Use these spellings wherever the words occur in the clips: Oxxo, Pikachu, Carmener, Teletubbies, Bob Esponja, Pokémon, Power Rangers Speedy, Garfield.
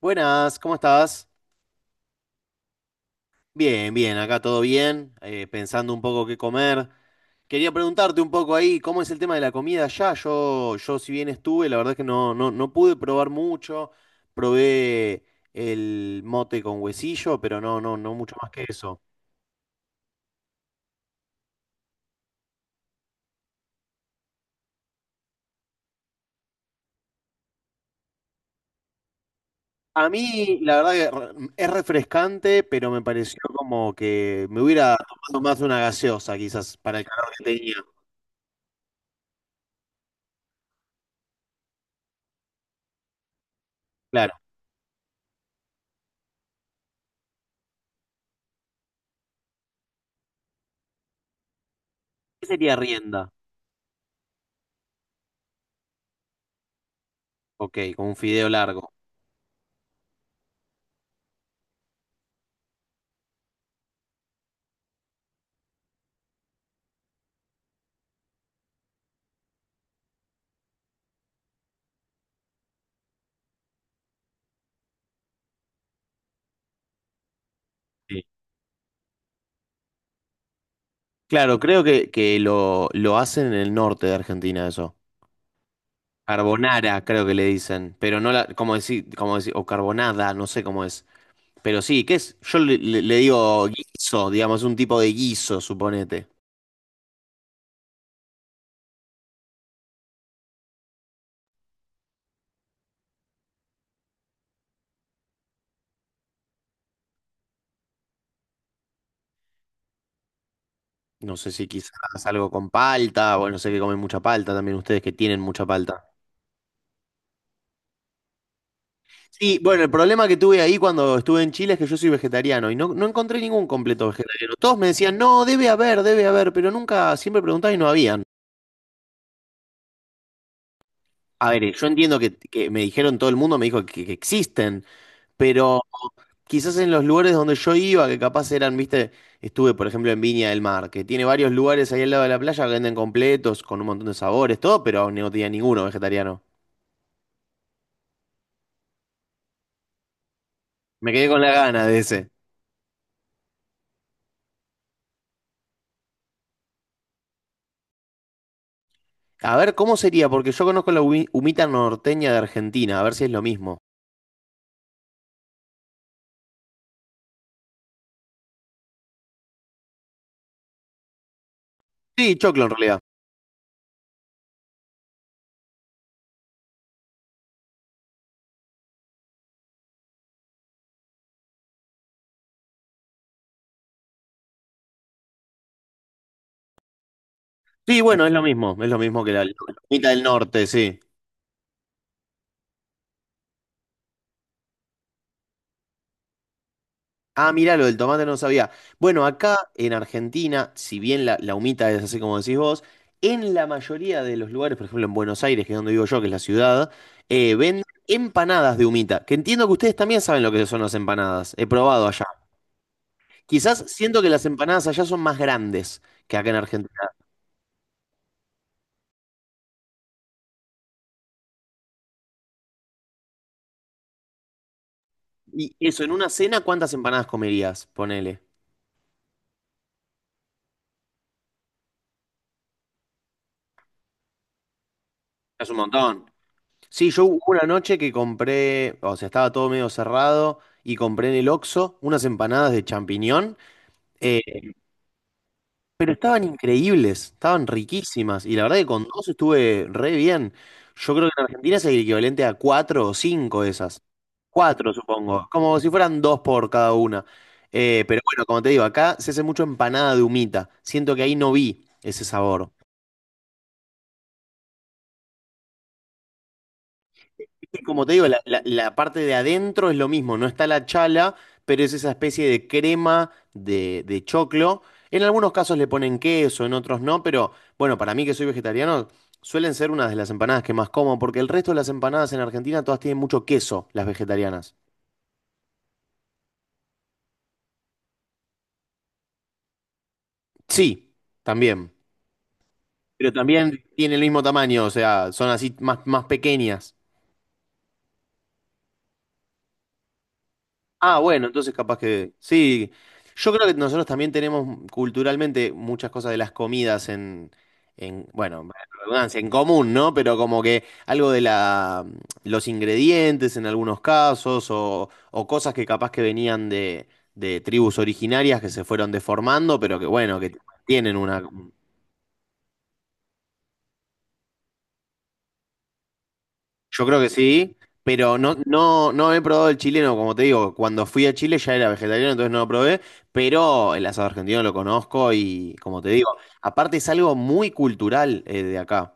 Buenas, ¿cómo estás? Bien, bien, acá todo bien, pensando un poco qué comer. Quería preguntarte un poco ahí, ¿cómo es el tema de la comida allá? Yo si bien estuve, la verdad es que no pude probar mucho. Probé el mote con huesillo, pero no mucho más que eso. A mí, la verdad que es refrescante, pero me pareció como que me hubiera tomado más una gaseosa, quizás, para el calor que tenía. Claro. ¿Qué sería rienda? Ok, con un fideo largo. Sí. Claro, creo que lo hacen en el norte de Argentina eso. Carbonara, creo que le dicen, pero no la, como decir, o carbonada, no sé cómo es. Pero sí, ¿qué es? Yo le digo guiso, digamos, un tipo de guiso, suponete. No sé si quizás algo con palta, bueno, sé que comen mucha palta también ustedes que tienen mucha palta. Sí, bueno, el problema que tuve ahí cuando estuve en Chile es que yo soy vegetariano y no encontré ningún completo vegetariano. Todos me decían, no, debe haber, pero nunca, siempre preguntaba y no había. ¿No? A ver, yo entiendo que me dijeron, todo el mundo me dijo que existen, pero quizás en los lugares donde yo iba, que capaz eran, viste, estuve por ejemplo en Viña del Mar, que tiene varios lugares ahí al lado de la playa que venden completos, con un montón de sabores, todo, pero no tenía ninguno vegetariano. Me quedé con la gana de ese. A ver, ¿cómo sería? Porque yo conozco la humita norteña de Argentina, a ver si es lo mismo. Sí, choclo en realidad. Sí, bueno, es lo mismo que la humita del norte, sí. Ah, mirá, lo del tomate no lo sabía. Bueno, acá en Argentina, si bien la humita es así como decís vos, en la mayoría de los lugares, por ejemplo en Buenos Aires, que es donde vivo yo, que es la ciudad, venden empanadas de humita, que entiendo que ustedes también saben lo que son las empanadas. He probado allá. Quizás siento que las empanadas allá son más grandes que acá en Argentina. Y eso, en una cena, ¿cuántas empanadas comerías? Ponele. Es un montón. Sí, yo hubo una noche que compré, o sea, estaba todo medio cerrado y compré en el Oxxo unas empanadas de champiñón. Eh, pero estaban increíbles, estaban riquísimas. Y la verdad que con dos estuve re bien. Yo creo que en Argentina es el equivalente a cuatro o cinco de esas. Cuatro, supongo. Como si fueran dos por cada una. Pero bueno, como te digo, acá se hace mucho empanada de humita. Siento que ahí no vi ese sabor. Y como te digo, la parte de adentro es lo mismo, no está la chala, pero es esa especie de crema de choclo. En algunos casos le ponen queso, en otros no, pero bueno, para mí que soy vegetariano, suelen ser una de las empanadas que más como, porque el resto de las empanadas en Argentina todas tienen mucho queso, las vegetarianas. Sí, también. Pero también tienen el mismo tamaño, o sea, son así más, más pequeñas. Ah, bueno, entonces capaz que sí. Yo creo que nosotros también tenemos culturalmente muchas cosas de las comidas en, bueno, redundancia, en común, ¿no? Pero como que algo de la, los ingredientes en algunos casos o cosas que capaz que venían de tribus originarias que se fueron deformando, pero que bueno, que tienen una. Yo creo que sí, pero no he probado el chileno, como te digo, cuando fui a Chile ya era vegetariano, entonces no lo probé, pero el asado argentino lo conozco y, como te digo, aparte es algo muy cultural, de acá.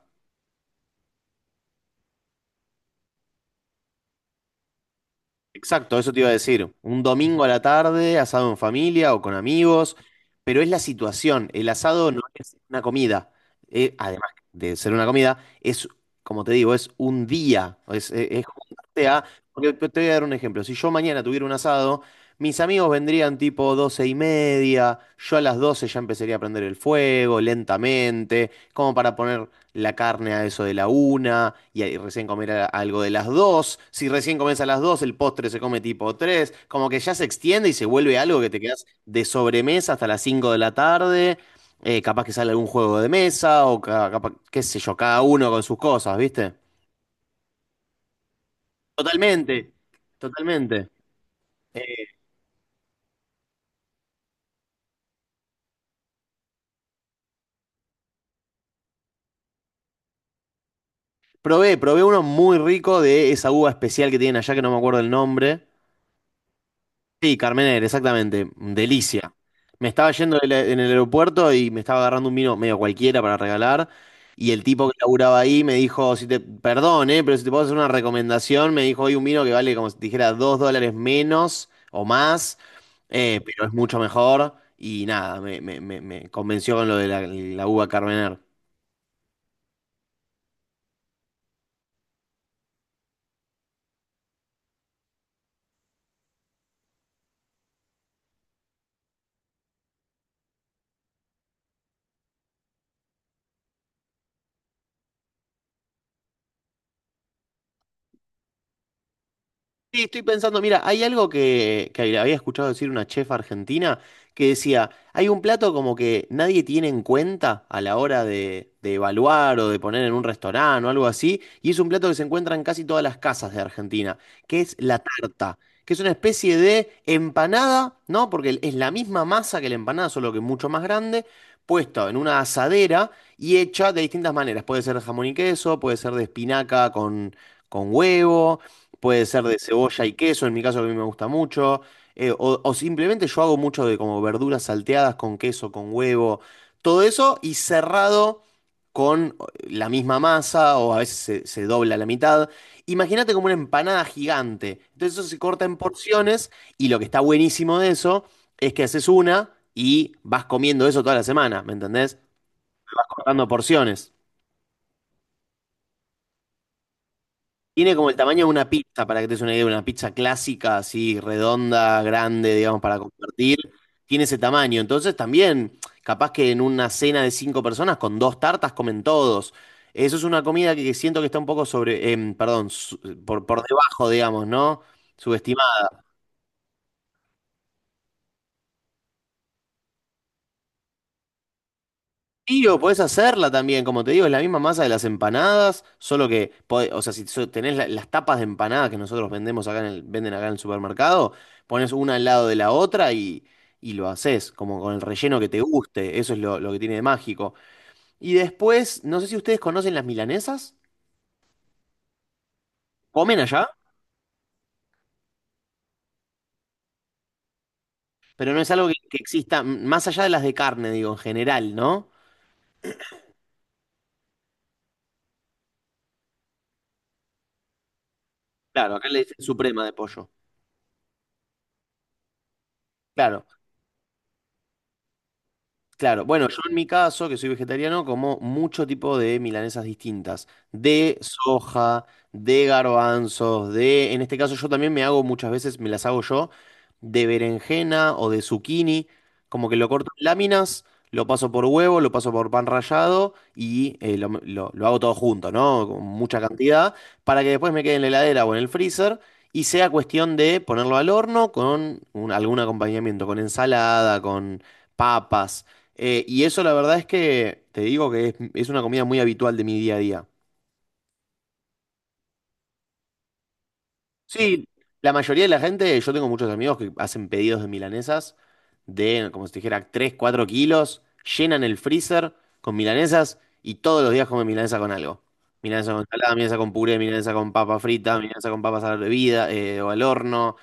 Exacto, eso te iba a decir. Un domingo a la tarde, asado en familia o con amigos, pero es la situación. El asado no es una comida. Además de ser una comida, es, como te digo, es un día. Es juntarte a. Porque te voy a dar un ejemplo. Si yo mañana tuviera un asado, mis amigos vendrían tipo 12:30. Yo a las 12 ya empezaría a prender el fuego lentamente, como para poner la carne a eso de la 1 y ahí recién comer algo de las 2. Si recién comes a las 2, el postre se come tipo 3. Como que ya se extiende y se vuelve algo que te quedas de sobremesa hasta las 5 de la tarde. Capaz que sale algún juego de mesa o capaz, qué sé yo, cada uno con sus cosas, ¿viste? Totalmente, totalmente. Eh, probé uno muy rico de esa uva especial que tienen allá que no me acuerdo el nombre. Sí, Carmener, exactamente. Delicia. Me estaba yendo en el aeropuerto y me estaba agarrando un vino medio cualquiera para regalar. Y el tipo que laburaba ahí me dijo, si te, perdón, pero si te puedo hacer una recomendación, me dijo, hay un vino que vale como si te dijera $2 menos o más, pero es mucho mejor. Y nada, me convenció con lo de la uva Carmener. Sí, estoy pensando, mira, hay algo que había escuchado decir una chef argentina que decía, hay un plato como que nadie tiene en cuenta a la hora de evaluar o de poner en un restaurante o algo así, y es un plato que se encuentra en casi todas las casas de Argentina, que es la tarta, que es una especie de empanada, ¿no? Porque es la misma masa que la empanada, solo que mucho más grande, puesto en una asadera y hecha de distintas maneras. Puede ser de jamón y queso, puede ser de espinaca con huevo. Puede ser de cebolla y queso, en mi caso que a mí me gusta mucho. O simplemente yo hago mucho de como verduras salteadas con queso, con huevo, todo eso y cerrado con la misma masa, o a veces se dobla la mitad. Imagínate como una empanada gigante. Entonces eso se corta en porciones y lo que está buenísimo de eso es que haces una y vas comiendo eso toda la semana, ¿me entendés? Cortando porciones. Tiene como el tamaño de una pizza, para que te des una idea, una pizza clásica, así, redonda, grande, digamos, para compartir. Tiene ese tamaño. Entonces también, capaz que en una cena de cinco personas, con dos tartas comen todos. Eso es una comida que siento que está un poco sobre, perdón, por, debajo, digamos, ¿no? Sí, o podés hacerla también, como te digo, es la misma masa de las empanadas, solo que, o sea, si tenés las tapas de empanadas que nosotros vendemos acá en el, venden acá en el supermercado, pones una al lado de la otra y lo haces, como con el relleno que te guste, eso es lo que tiene de mágico. Y después, no sé si ustedes conocen las milanesas, comen allá, pero no es algo que exista, más allá de las de carne, digo, en general, ¿no? Claro, acá le dicen suprema de pollo. Claro. Claro, bueno, yo en mi caso, que soy vegetariano, como mucho tipo de milanesas distintas, de soja, de garbanzos, de, en este caso yo también me hago muchas veces, me las hago yo, de berenjena o de zucchini, como que lo corto en láminas, lo paso por huevo, lo paso por pan rallado y, lo hago todo junto, ¿no? Con mucha cantidad, para que después me quede en la heladera o en el freezer. Y sea cuestión de ponerlo al horno con algún acompañamiento, con ensalada, con papas, y eso la verdad es que te digo que es una comida muy habitual de mi día a día. Sí, la mayoría de la gente, yo tengo muchos amigos que hacen pedidos de milanesas de, como si te dijera, 3 4 kilos, llenan el freezer con milanesas y todos los días comen milanesa con algo. Milanesa con ensalada, milanesa con puré, milanesa con papa frita, milanesa con papas a la bebida, o al horno,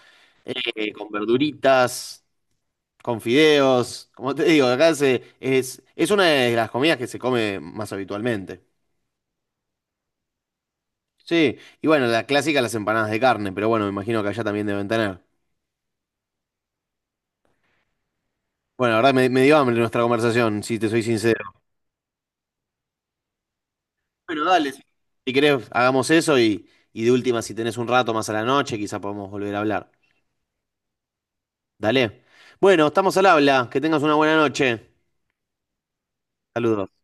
con verduritas, con fideos. Como te digo, acá es una de las comidas que se come más habitualmente. Sí, y bueno, la clásica, las empanadas de carne, pero bueno, me imagino que allá también deben tener. Bueno, la verdad me dio hambre nuestra conversación, si te soy sincero. Bueno, dale. Si si querés, hagamos eso y de última, si tenés un rato más a la noche, quizá podemos volver a hablar. Dale. Bueno, estamos al habla. Que tengas una buena noche. Saludos.